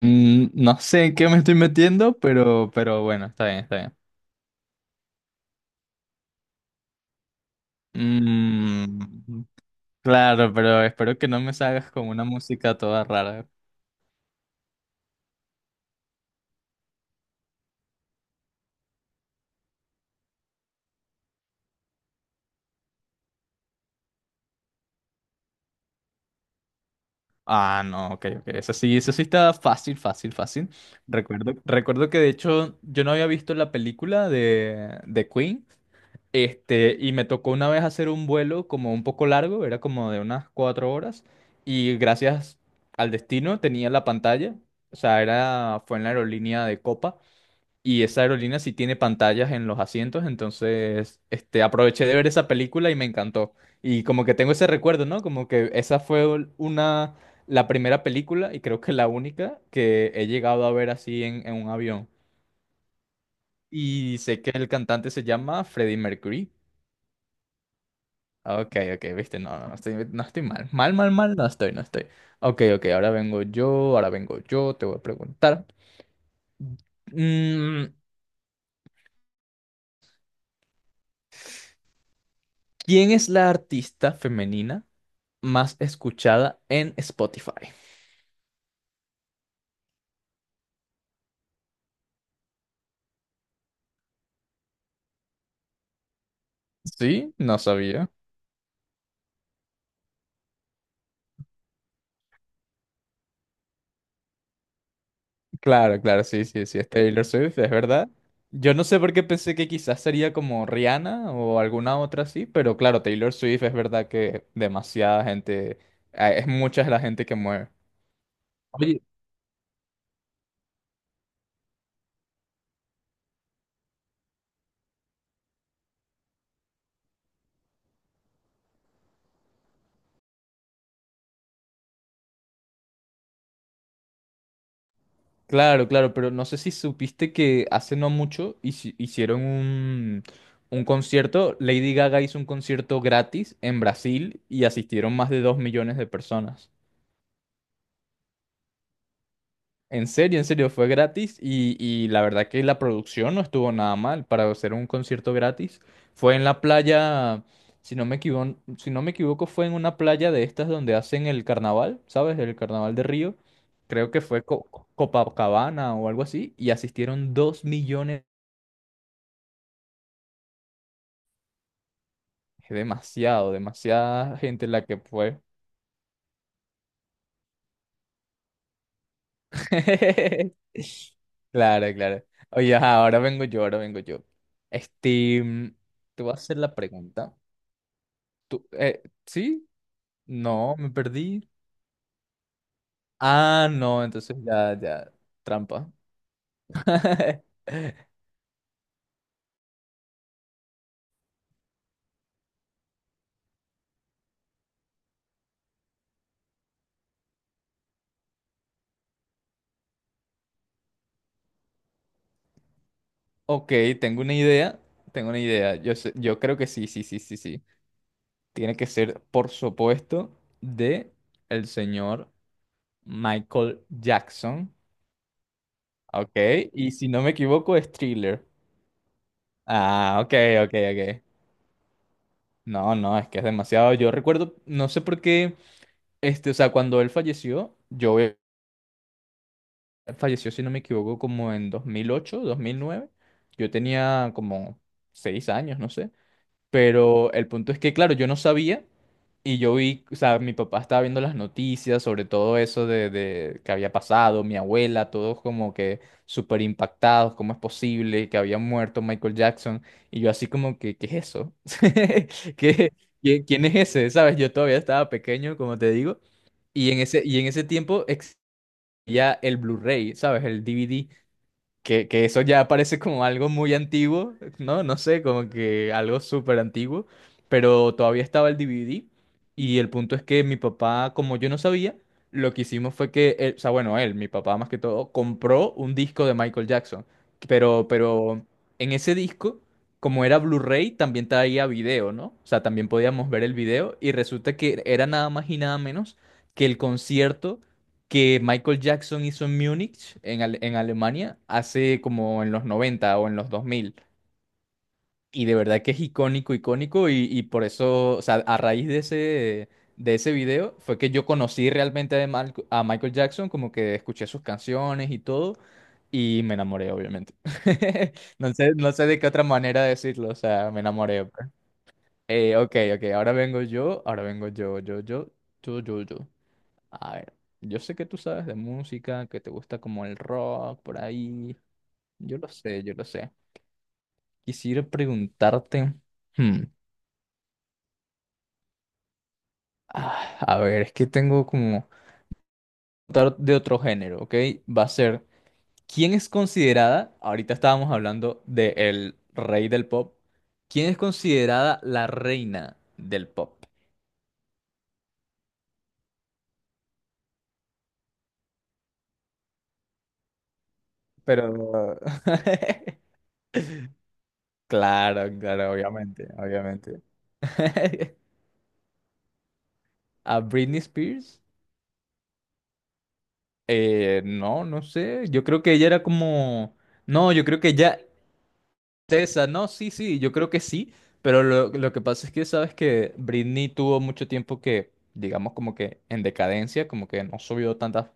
No sé en qué me estoy metiendo, pero, bueno, está bien, está bien. Mm, claro, pero espero que no me salgas con una música toda rara. Ah, no, ok, ok. Eso sí está fácil, fácil, fácil. Recuerdo que de hecho yo no había visto la película de Queen. Este, y me tocó una vez hacer un vuelo como un poco largo, era como de unas cuatro horas. Y gracias al destino tenía la pantalla. O sea, era, fue en la aerolínea de Copa. Y esa aerolínea sí tiene pantallas en los asientos, entonces este, aproveché de ver esa película y me encantó. Y como que tengo ese recuerdo, ¿no? Como que esa fue una, la primera película y creo que la única que he llegado a ver así en, un avión. Y sé que el cantante se llama Freddie Mercury. Ah, ok, ok, viste, no, no, no estoy, no estoy mal. Mal, mal, mal, no estoy, no estoy. Ok, ok, ahora vengo yo, te voy a preguntar. Mm, ¿Quién es la artista femenina más escuchada en Spotify? Sí, no sabía. Claro, claro, sí, sí, sí, es Taylor Swift, es verdad. Yo no sé por qué pensé que quizás sería como Rihanna o alguna otra así, pero claro, Taylor Swift, es verdad que demasiada gente, es mucha la gente que mueve. Oye, claro, claro, pero no sé si supiste que hace no mucho hicieron un concierto, Lady Gaga hizo un concierto gratis en Brasil y asistieron más de 2 millones de personas. En serio, fue gratis y la verdad que la producción no estuvo nada mal para hacer un concierto gratis. Fue en la playa, si no me equivoco, si no me equivoco, fue en una playa de estas donde hacen el carnaval, ¿sabes? El carnaval de Río. Creo que fue Copacabana o algo así y asistieron dos millones. Es demasiado, demasiada gente la que fue. Claro, claro. Oye, ajá, ahora vengo yo, ahora vengo yo. Este, te voy a hacer la pregunta. ¿Sí? No, me perdí. Ah, no, entonces ya, ya, trampa. Ok, tengo una idea, tengo una idea. Yo creo que sí, sí, sí, sí, sí. Tiene que ser, por supuesto, de el señor Michael Jackson. Ok, y si no me equivoco es Thriller. Ah, ok, ok, ok. No, no, es que es demasiado. Yo recuerdo, no sé por qué, este, o sea, cuando él falleció, yo falleció, si no me equivoco, como en dos mil ocho, dos mil nueve. Yo tenía como seis años, no sé. Pero el punto es que, claro, yo no sabía y yo vi, o sea, mi papá estaba viendo las noticias sobre todo eso de que había pasado, mi abuela, todos como que súper impactados, cómo es posible que había muerto Michael Jackson. Y yo así como que, ¿qué es eso? ¿Qué, quién es ese? ¿Sabes? Yo todavía estaba pequeño, como te digo. Y en ese, tiempo ya el Blu-ray, ¿sabes? El DVD, que eso ya parece como algo muy antiguo, ¿no? No sé, como que algo súper antiguo, pero todavía estaba el DVD y el punto es que mi papá, como yo no sabía, lo que hicimos fue que, o sea, bueno, él, mi papá más que todo, compró un disco de Michael Jackson, pero en ese disco... Como era Blu-ray, también traía video, ¿no? O sea, también podíamos ver el video y resulta que era nada más y nada menos que el concierto que Michael Jackson hizo en Múnich, en, en Alemania, hace como en los 90 o en los 2000. Y de verdad que es icónico, icónico, y por eso, o sea, a raíz de ese video fue que yo conocí realmente a Michael Jackson, como que escuché sus canciones y todo, y me enamoré, obviamente. No sé, no sé de qué otra manera decirlo, o sea, me enamoré, pues. Ok, ok, ahora vengo yo, yo, yo, yo, yo, yo. A ver, yo sé que tú sabes de música, que te gusta como el rock por ahí. Yo lo sé, yo lo sé. Quisiera preguntarte, hmm, a ver, es que tengo como preguntar de otro género, ¿ok? Va a ser, ¿quién es considerada, ahorita estábamos hablando de el rey del pop, ¿quién es considerada la reina del pop? Pero... Claro, claro, obviamente, obviamente. ¿A Britney Spears? No, no sé. Yo creo que ella era como. No, yo creo que ya. Tessa, no, sí, sí, yo creo que sí. Pero lo que pasa es que sabes que Britney tuvo mucho tiempo que, digamos, como que en decadencia, como que no subió tantas,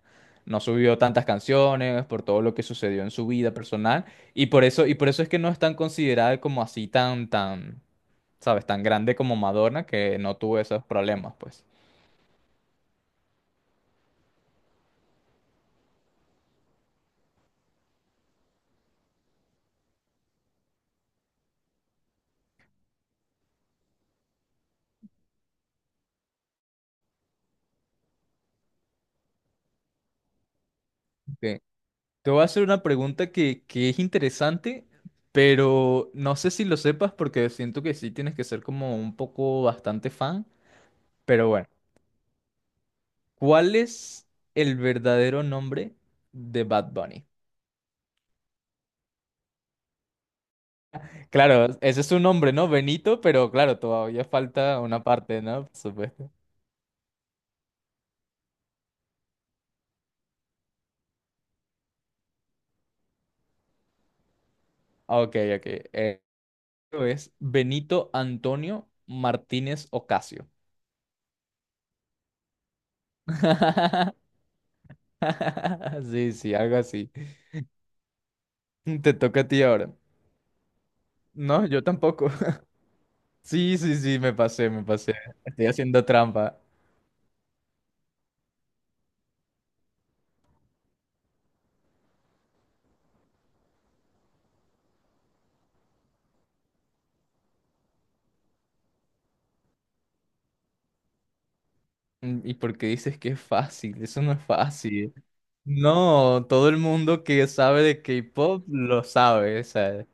no subió tantas canciones por todo lo que sucedió en su vida personal. Y por eso es que no es tan considerada como así tan, tan, sabes, tan grande como Madonna, que no tuvo esos problemas, pues. Sí. Te voy a hacer una pregunta que es interesante, pero no sé si lo sepas porque siento que sí tienes que ser como un poco bastante fan. Pero bueno, ¿cuál es el verdadero nombre de Bad Bunny? Claro, ese es su nombre, ¿no? Benito, pero claro, todavía falta una parte, ¿no? Por supuesto. Ah, ok, ok. Eh, es Benito Antonio Martínez Ocasio. Sí, sí, algo así. Te toca a ti ahora. No, yo tampoco. Sí, sí, sí, me pasé, me pasé. Estoy haciendo trampa. ¿Y por qué dices que es fácil? Eso no es fácil. No, todo el mundo que sabe de K-pop lo sabe. O sea,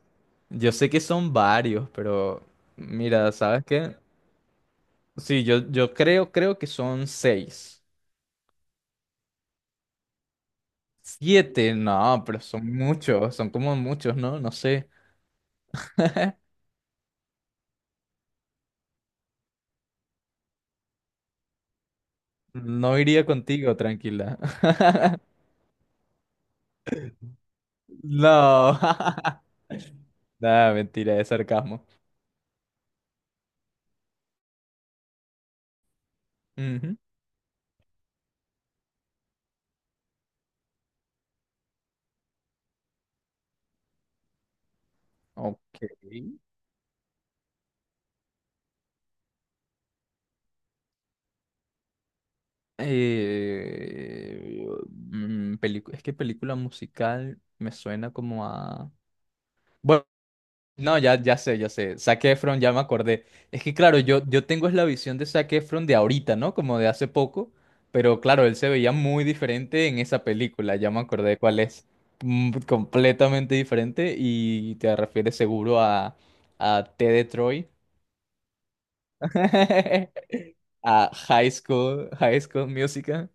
yo sé que son varios, pero mira, ¿sabes qué? Sí, yo creo, creo que son seis. Siete, no, pero son muchos, son como muchos, ¿no? No sé. No iría contigo, tranquila. No. Nada, mentira, es sarcasmo. Ujú. Ok. Eh, es que película musical me suena como a... Bueno, no, ya, ya sé, ya sé. Zac Efron, ya me acordé. Es que claro, yo tengo es la visión de Zac Efron de ahorita, ¿no? Como de hace poco. Pero claro, él se veía muy diferente en esa película. Ya me acordé cuál es. Mm, completamente diferente. Y te refieres seguro a T. de Troy. A High School Musical.